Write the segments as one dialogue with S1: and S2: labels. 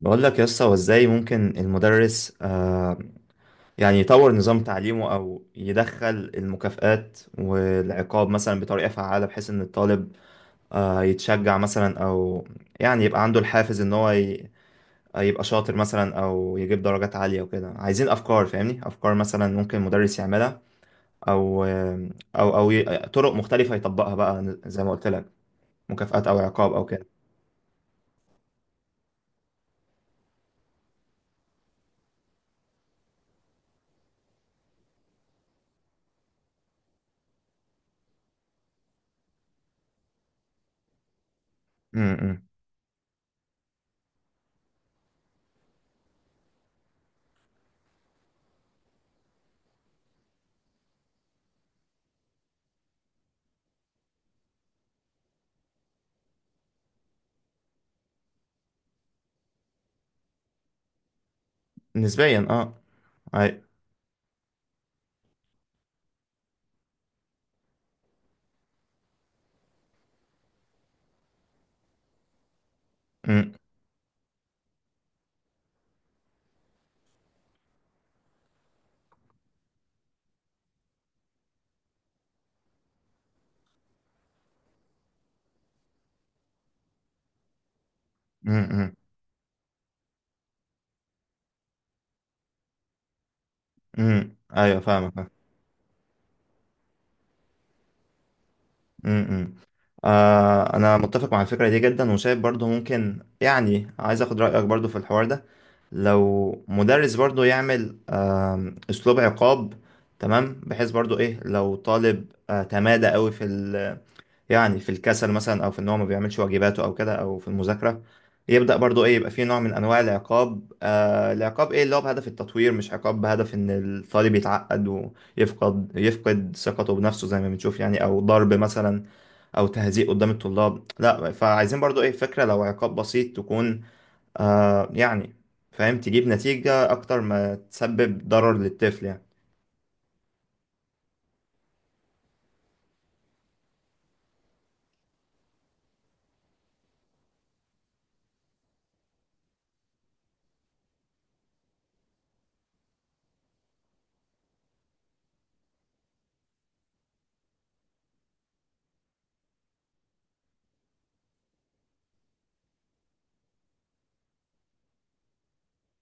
S1: بقول لك يا اسطى، هو ازاي ممكن المدرس يعني يطور نظام تعليمه او يدخل المكافآت والعقاب مثلا بطريقة فعالة، بحيث ان الطالب يتشجع مثلا، او يعني يبقى عنده الحافز ان هو يبقى شاطر مثلا او يجيب درجات عالية وكده. عايزين افكار، فاهمني؟ افكار مثلا ممكن المدرس يعملها، او آه، او او ي- طرق مختلفة يطبقها بقى زي ما قلت لك، مكافآت او عقاب او كده. م- م. نسبيا اه. أي- م- م- م. ايوه فاهمك. امم امم. انا متفق مع الفكره دي جدا، وشايف برضو ممكن، يعني عايز اخد رايك برضو في الحوار ده. لو مدرس برضو يعمل اسلوب عقاب، تمام، بحيث برضو ايه، لو طالب تمادى قوي في، يعني في الكسل مثلا، او في ان هو ما بيعملش واجباته او كده، او في المذاكره، يبدا برضو ايه، يبقى فيه نوع من انواع العقاب، ايه، اللي هو بهدف التطوير، مش عقاب بهدف ان الطالب يتعقد ويفقد ثقته بنفسه زي ما بنشوف يعني، او ضرب مثلا او تهزيء قدام الطلاب، لا. فعايزين برضو ايه، فكره لو عقاب بسيط، تكون يعني فاهم، تجيب نتيجه اكتر ما تسبب ضرر للطفل.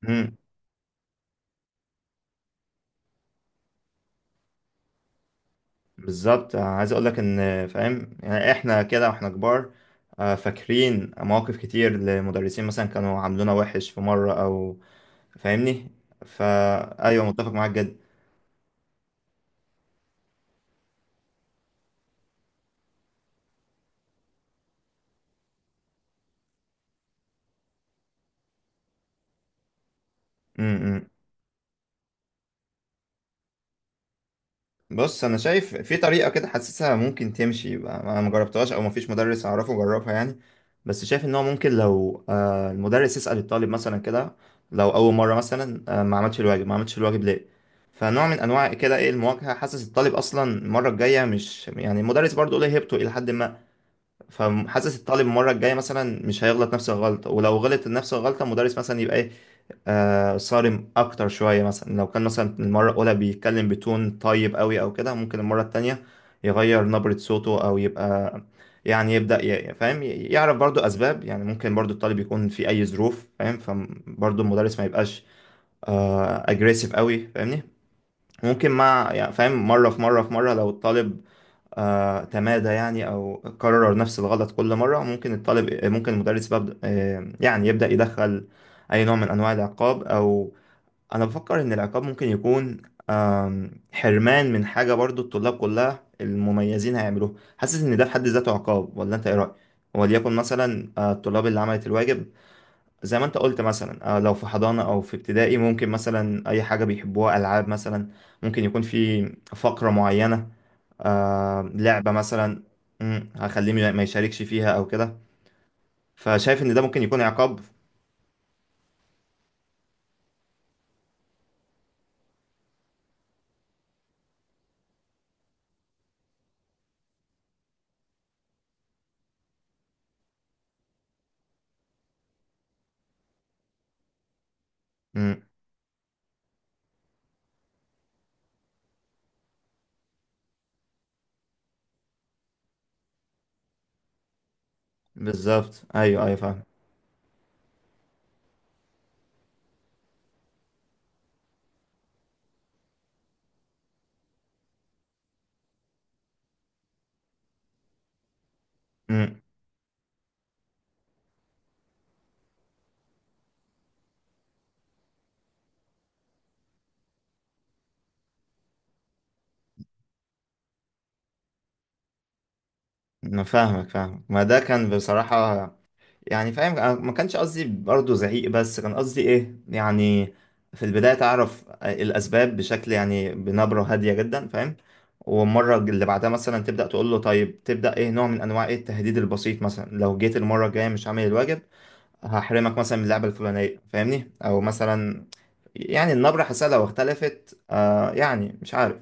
S1: يعني بالظبط. عايز اقول لك ان، فاهم، يعني احنا كده واحنا كبار فاكرين مواقف كتير لمدرسين مثلا كانوا عاملونا وحش في مرة او، فاهمني. فا ايوه، متفق معاك جدا. م. بص انا شايف في طريقه كده حاسسها ممكن تمشي بقى. انا ما جربتهاش او ما فيش مدرس اعرفه جربها، يعني بس شايف ان هو ممكن لو المدرس يسال الطالب مثلا كده لو اول مره مثلا ما عملش الواجب ليه. فنوع من انواع كده، ايه، المواجهه، حاسس الطالب اصلا المره الجايه مش، يعني، المدرس برضه ليه هيبته الى حد ما، فحاسس الطالب المره الجايه مثلا مش هيغلط نفس الغلطه. ولو غلط نفس الغلطه، المدرس مثلا يبقى ايه، صارم اكتر شويه مثلا. لو كان مثلا المره الاولى بيتكلم بتون طيب قوي او كده، ممكن المره التانية يغير نبره صوته، او يبقى يعني يبدا فاهم يعرف برضو اسباب. يعني ممكن برضو الطالب يكون في اي ظروف، فاهم، فبرضو المدرس ما يبقاش اجريسيف قوي، فاهمني. ممكن مع، يعني فاهم، مره في مره في مره، لو الطالب تمادى يعني او كرر نفس الغلط كل مره، ممكن الطالب ممكن المدرس ببدأ آه يعني يبدا يدخل اي نوع من انواع العقاب. او انا بفكر ان العقاب ممكن يكون حرمان من حاجة برضو الطلاب كلها المميزين هيعملوها. حاسس ان ده في حد ذاته عقاب، ولا انت ايه رأيك؟ وليكن مثلا الطلاب اللي عملت الواجب، زي ما انت قلت مثلا، لو في حضانة او في ابتدائي، ممكن مثلا اي حاجة بيحبوها، العاب مثلا، ممكن يكون في فقرة معينة، لعبة مثلا. هخليه ما يشاركش فيها او كده. فشايف ان ده ممكن يكون عقاب. مم، بالظبط، ايوه ايوه فاهم. انا فاهمك فاهمك، ما ده كان بصراحة، يعني فاهم، أنا ما كانش قصدي برضه زعيق، بس كان قصدي ايه، يعني في البداية تعرف الاسباب بشكل، يعني بنبرة هادية جدا، فاهم. والمرة اللي بعدها مثلا تبدأ تقول له، طيب تبدأ ايه، نوع من انواع ايه، التهديد البسيط. مثلا لو جيت المرة الجاية مش عامل الواجب هحرمك مثلا من اللعبة الفلانية، فاهمني، او مثلا يعني النبرة حاسة لو اختلفت يعني مش عارف.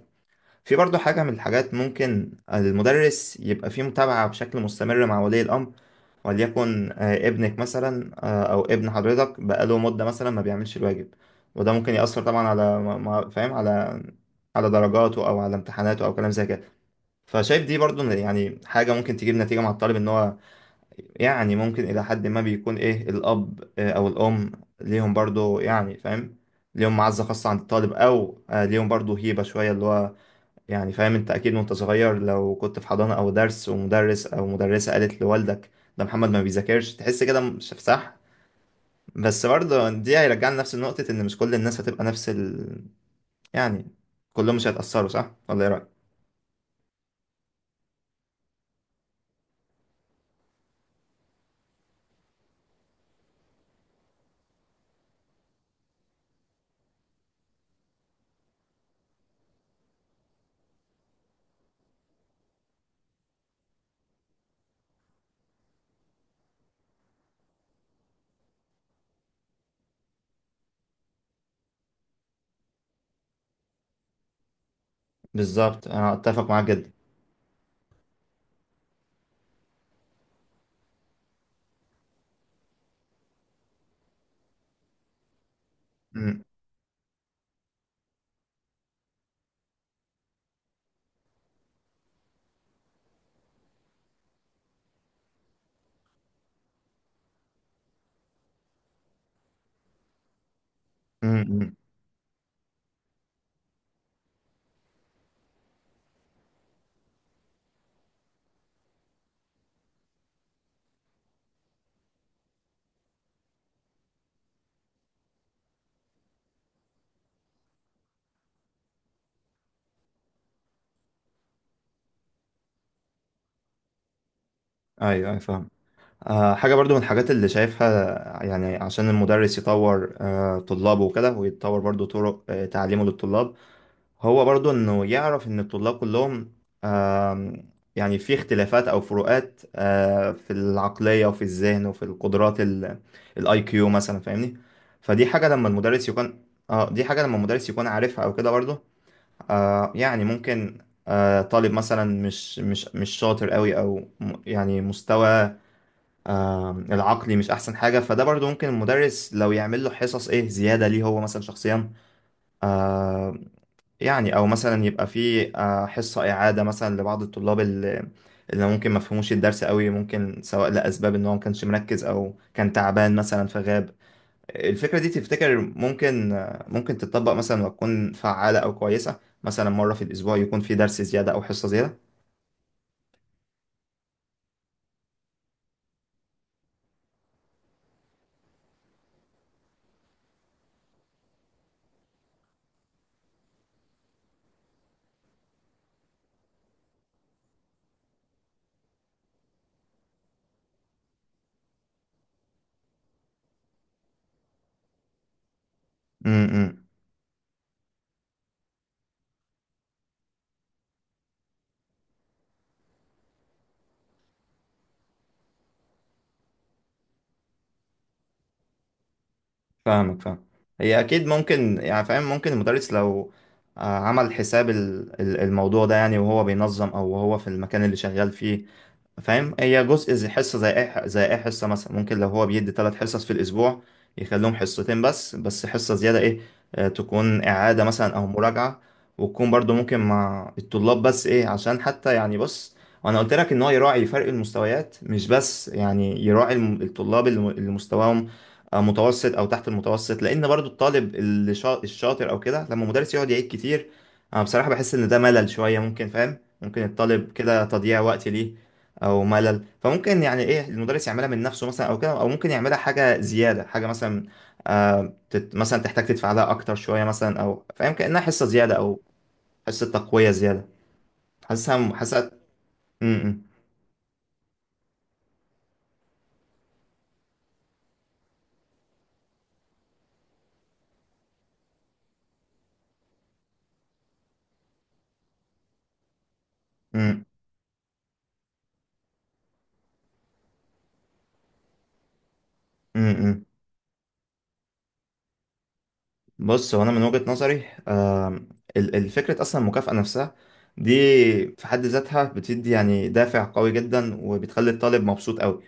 S1: في برضه حاجة من الحاجات، ممكن المدرس يبقى فيه متابعة بشكل مستمر مع ولي الأمر. وليكن ابنك مثلا، أو ابن حضرتك، بقاله مدة مثلا ما بيعملش الواجب، وده ممكن يأثر طبعا على فاهم، على على درجاته أو على امتحاناته أو كلام زي كده. فشايف دي برضه من، يعني حاجة ممكن تجيب نتيجة مع الطالب إن هو، يعني ممكن إلى حد ما بيكون، إيه، الأب أو الأم ليهم برضه، يعني فاهم، ليهم معزة خاصة عند الطالب، أو ليهم برضه هيبة شوية، اللي هو يعني فاهم، انت اكيد وانت صغير لو كنت في حضانة او درس، ومدرس او مدرسة قالت لوالدك ده محمد ما بيذاكرش، تحس كده مش صح. بس برضه دي هيرجعنا لنفس النقطة، ان مش كل الناس هتبقى نفس يعني كلهم مش هيتأثروا، صح ولا ايه رأيك؟ بالظبط، انا اتفق معاك جدا. امم امم ايوه ايوه فاهم. حاجة برضو من الحاجات اللي شايفها، يعني عشان المدرس يطور طلابه وكده، ويتطور برضو طرق تعليمه للطلاب، هو برضو انه يعرف ان الطلاب كلهم، آم، يعني، في اختلافات او فروقات في العقلية وفي الذهن وفي القدرات، الاي كيو مثلا، فاهمني. فدي حاجة لما المدرس يكون، اه دي حاجة لما المدرس يكون عارفها او كده، برضو يعني ممكن طالب مثلا مش شاطر قوي، او يعني مستوى العقلي مش احسن حاجة، فده برضو ممكن المدرس لو يعمل له حصص ايه، زيادة ليه هو مثلا شخصيا، آه، يعني، او مثلا يبقى في حصة إعادة مثلا لبعض الطلاب اللي ممكن ما فهموش الدرس قوي، ممكن سواء لأسباب ان هو ما كانش مركز او كان تعبان مثلا فغاب. الفكرة دي تفتكر ممكن ممكن تتطبق مثلا وتكون فعالة او كويسة، مثلا مرة في الأسبوع يكون في درس زيادة او حصة زيادة؟ امم، فاهمك فاهم. هي اكيد ممكن، يعني فاهم، ممكن المدرس لو عمل حساب الموضوع ده، يعني وهو بينظم او وهو في المكان اللي شغال فيه. فاهم، هي جزء زي حصة، زي اي زي اي حصة مثلا، ممكن لو هو بيدي ثلاث حصص في الأسبوع يخليهم حصتين بس حصة زيادة، ايه، تكون إعادة مثلا أو مراجعة، وتكون برضو ممكن مع الطلاب، بس ايه عشان، حتى يعني، بص، وأنا قلت لك إن هو يراعي فرق المستويات، مش بس يعني يراعي الطلاب اللي مستواهم متوسط أو تحت المتوسط. لأن برضو الطالب اللي الشاطر أو كده، لما المدرس يقعد يعيد كتير، أنا بصراحة بحس إن ده ملل شوية. ممكن فاهم، ممكن الطالب كده تضييع وقت ليه، او ملل. فممكن يعني ايه، المدرس يعملها من نفسه مثلا او كده، او ممكن يعملها حاجه زياده، حاجه مثلا آه تت مثلا تحتاج تدفع لها اكتر شويه مثلا، او فاهم كانها حصه زياده، او حصه تقويه زياده. حاسسها حاسسها. م- م- م- م. بص هو انا من وجهه نظري، الفكره اصلا، المكافاه نفسها دي في حد ذاتها بتدي يعني دافع قوي جدا، وبتخلي الطالب مبسوط قوي.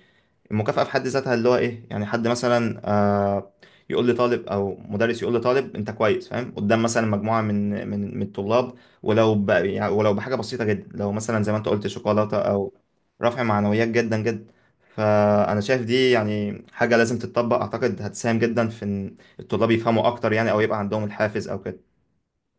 S1: المكافأة في حد ذاتها اللي هو، ايه، يعني حد مثلا يقول لطالب، او مدرس يقول لطالب انت كويس، فاهم، قدام مثلا مجموعة من الطلاب، ولو يعني ولو بحاجة بسيطة جدا، لو مثلا زي ما انت قلت شوكولاتة او رفع معنويات، جدا جدا. فانا شايف دي يعني حاجة لازم تتطبق، اعتقد هتساهم جدا في ان الطلاب يفهموا اكتر، يعني او يبقى عندهم الحافز او كده.